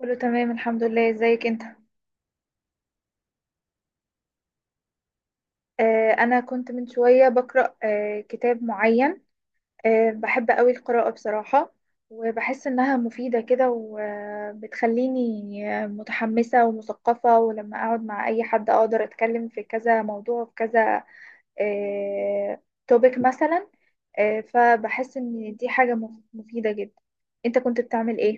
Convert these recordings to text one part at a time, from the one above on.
كله تمام، الحمد لله. ازيك انت؟ انا كنت من شوية بقرأ كتاب معين. بحب قوي القراءة بصراحة. وبحس انها مفيدة كده وبتخليني متحمسة ومثقفة، ولما اقعد مع اي حد اقدر اتكلم في كذا موضوع، في كذا آه توبيك مثلا. فبحس ان دي حاجة مفيدة جدا. انت كنت بتعمل ايه؟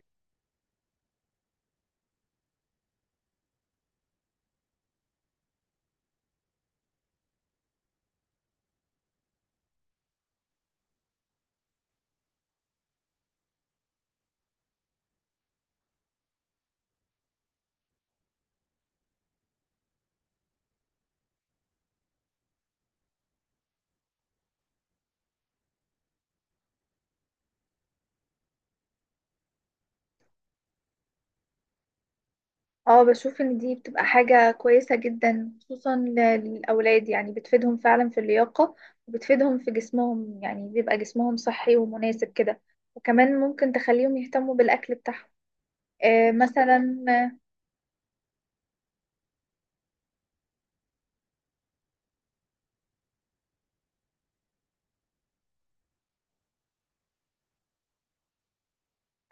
اه، بشوف ان دي بتبقى حاجة كويسة جدا، خصوصا للأولاد، يعني بتفيدهم فعلا في اللياقة وبتفيدهم في جسمهم، يعني بيبقى جسمهم صحي ومناسب كده. وكمان ممكن تخليهم يهتموا بالأكل بتاعهم مثلا.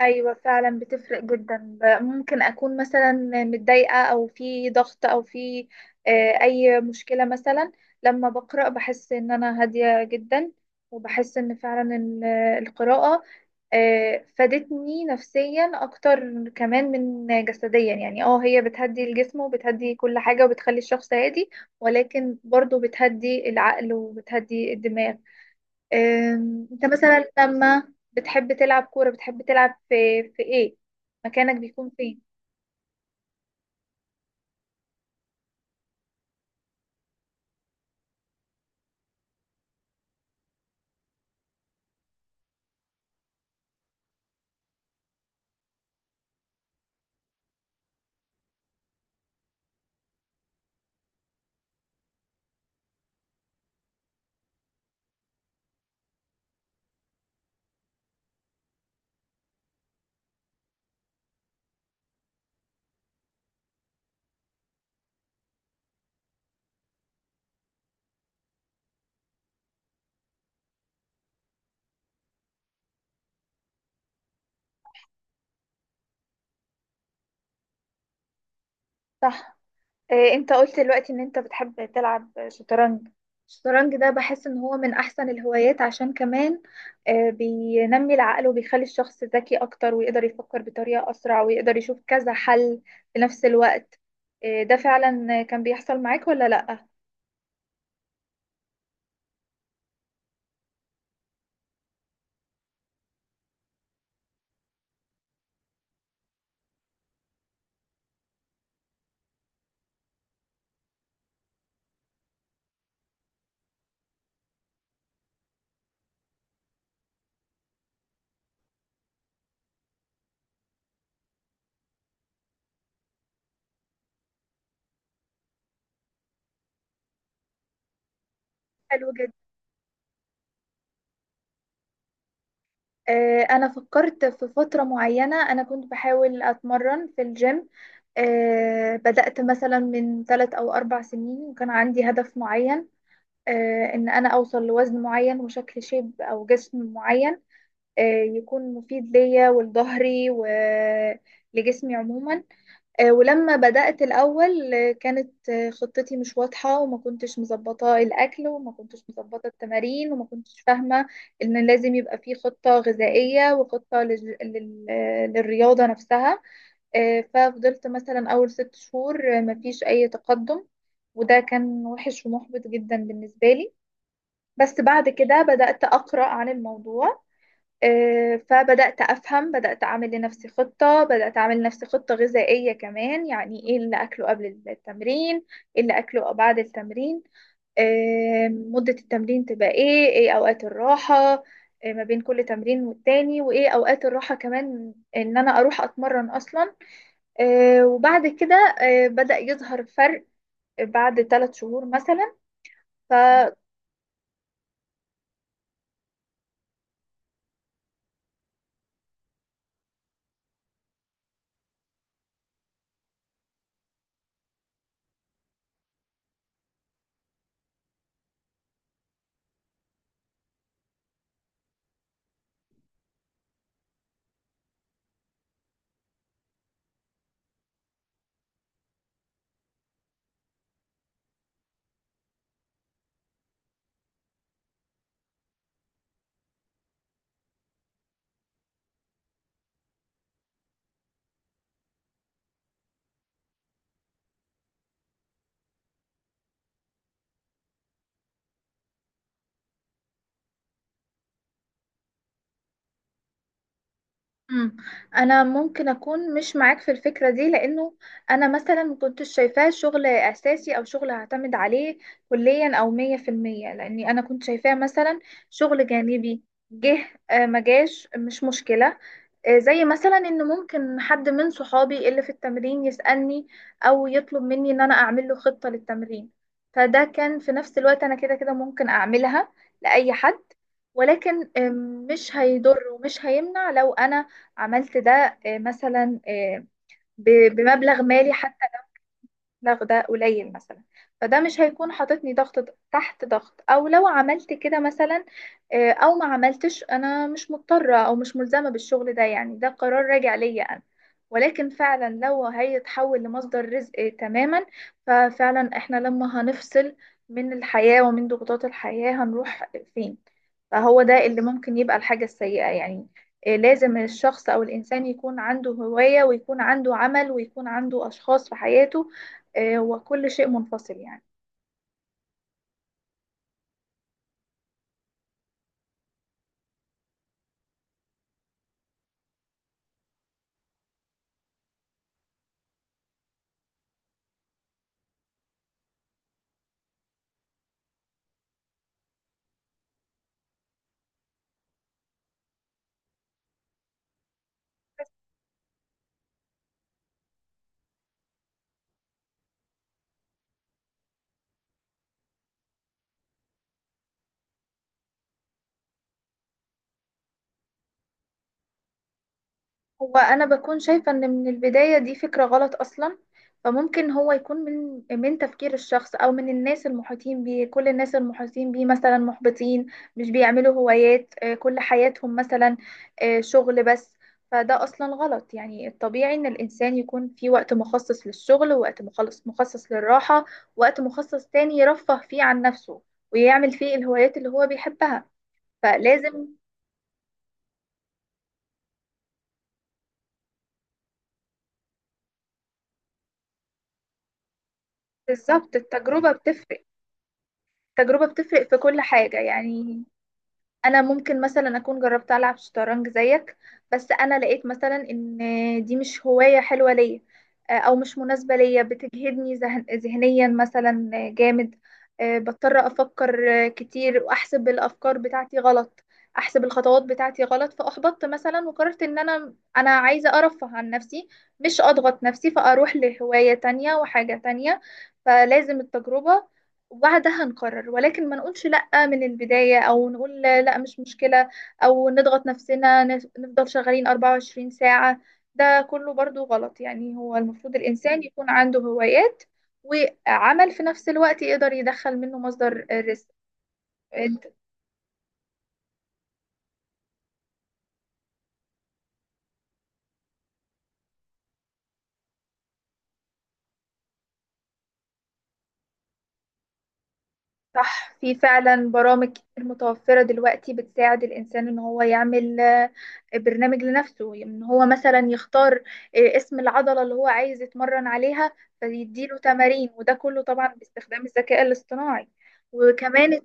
ايوه، فعلا بتفرق جدا. ممكن اكون مثلا متضايقه او في ضغط او في اي مشكله مثلا. لما بقرا بحس ان انا هاديه جدا، وبحس ان فعلا القراءه فادتني نفسيا اكتر كمان من جسديا. يعني هي بتهدي الجسم وبتهدي كل حاجه وبتخلي الشخص هادي، ولكن برضو بتهدي العقل وبتهدي الدماغ. انت مثلا لما بتحب تلعب كورة، بتحب تلعب في ايه؟ مكانك بيكون فين؟ صح. إيه انت قلت دلوقتي ان انت بتحب تلعب شطرنج؟ الشطرنج ده بحس ان هو من احسن الهوايات، عشان كمان بينمي العقل وبيخلي الشخص ذكي اكتر، ويقدر يفكر بطريقة اسرع، ويقدر يشوف كذا حل في نفس الوقت. ده فعلا كان بيحصل معاك ولا لا؟ حلو جدا. انا فكرت في فترة معينة انا كنت بحاول اتمرن في الجيم. بدأت مثلا من 3 أو 4 سنين، وكان عندي هدف معين، ان انا اوصل لوزن معين وشكل شيب او جسم معين، يكون مفيد ليا ولظهري ولجسمي عموما. ولما بدأت الأول، كانت خطتي مش واضحة، وما كنتش مظبطة الأكل وما كنتش مظبطة التمارين، وما كنتش فاهمة إن لازم يبقى في خطة غذائية وخطة لل... لل... آه، للرياضة نفسها. ففضلت مثلا أول 6 شهور مفيش أي تقدم، وده كان وحش ومحبط جدا بالنسبة لي. بس بعد كده بدأت أقرأ عن الموضوع، فبدأت أفهم. بدأت أعمل لنفسي خطة غذائية كمان، يعني إيه اللي أكله قبل التمرين، إيه اللي أكله بعد التمرين. مدة التمرين تبقى إيه، إيه أوقات الراحة ما بين كل تمرين والتاني، وإيه أوقات الراحة كمان إن أنا أروح أتمرن أصلا. وبعد كده بدأ يظهر فرق بعد 3 شهور مثلا. ف مم. انا ممكن اكون مش معاك في الفكره دي، لانه انا مثلا ما كنتش شايفاه شغل اساسي او شغل هعتمد عليه كليا او 100%، لاني انا كنت شايفاه مثلا شغل جانبي. جه ما جاش، مش مشكله. زي مثلا ان ممكن حد من صحابي اللي في التمرين يسالني او يطلب مني ان انا اعمل له خطه للتمرين، فده كان في نفس الوقت انا كده كده ممكن اعملها لاي حد. ولكن مش هيضر ومش هيمنع لو انا عملت ده، مثلا، بمبلغ مالي حتى، ده قليل مثلا. فده مش هيكون حاططني ضغط تحت ضغط، او لو عملت كده مثلا او ما عملتش، انا مش مضطرة او مش ملزمة بالشغل ده، يعني ده قرار راجع ليا انا. ولكن فعلا لو هيتحول لمصدر رزق تماما، ففعلا احنا لما هنفصل من الحياة ومن ضغوطات الحياة هنروح فين؟ فهو ده اللي ممكن يبقى الحاجة السيئة يعني. لازم الشخص او الانسان يكون عنده هواية، ويكون عنده عمل، ويكون عنده اشخاص في حياته، وكل شيء منفصل يعني. هو انا بكون شايفة ان من البداية دي فكرة غلط اصلا. فممكن هو يكون من تفكير الشخص، او من الناس المحيطين بيه، كل الناس المحيطين بيه مثلا محبطين، مش بيعملوا هوايات، كل حياتهم مثلا شغل بس. فده اصلا غلط. يعني الطبيعي ان الانسان يكون في وقت مخصص للشغل، ووقت مخصص للراحة، وقت مخصص تاني يرفه فيه عن نفسه ويعمل فيه الهوايات اللي هو بيحبها. فلازم. بالظبط، التجربة بتفرق في كل حاجة يعني. أنا ممكن مثلا أكون جربت ألعب شطرنج زيك، بس أنا لقيت مثلا إن دي مش هواية حلوة ليا، أو مش مناسبة ليا، بتجهدني ذهنيا مثلا جامد. بضطر أفكر كتير، وأحسب الأفكار بتاعتي غلط، أحسب الخطوات بتاعتي غلط، فأحبطت مثلا وقررت إن أنا عايزة أرفه عن نفسي، مش أضغط نفسي. فأروح لهواية تانية وحاجة تانية، فلازم التجربة، وبعدها نقرر. ولكن ما نقولش لأ من البداية، أو نقول لأ مش مشكلة، أو نضغط نفسنا نفضل شغالين 24 ساعة. ده كله برضو غلط. يعني هو المفروض الإنسان يكون عنده هوايات وعمل في نفس الوقت يقدر يدخل منه مصدر الرزق. صح، في فعلا برامج كتير متوفرة دلوقتي بتساعد الإنسان إن هو يعمل برنامج لنفسه، إن هو مثلا يختار اسم العضلة اللي هو عايز يتمرن عليها، فيديله تمارين. وده كله طبعا باستخدام الذكاء الاصطناعي. وكمان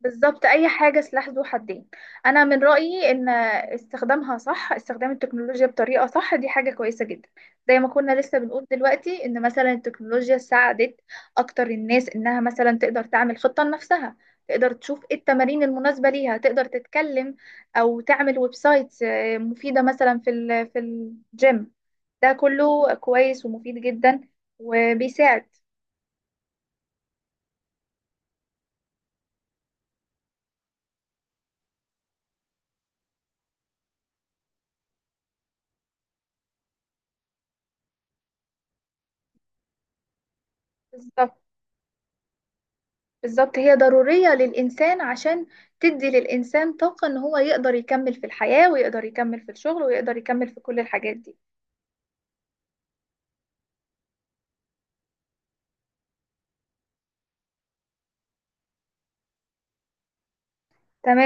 بالظبط، اي حاجه سلاح ذو حدين. انا من رايي ان استخدامها صح، استخدام التكنولوجيا بطريقه صح، دي حاجه كويسه جدا. زي ما كنا لسه بنقول دلوقتي ان مثلا التكنولوجيا ساعدت اكتر الناس انها مثلا تقدر تعمل خطه لنفسها، تقدر تشوف ايه التمارين المناسبه ليها، تقدر تتكلم او تعمل ويب سايت مفيده مثلا في الجيم. ده كله كويس ومفيد جدا وبيساعد. بالظبط. بالظبط، هي ضرورية للإنسان، عشان تدي للإنسان طاقة إن هو يقدر يكمل في الحياة، ويقدر يكمل في الشغل، ويقدر يكمل في كل الحاجات دي. تمام.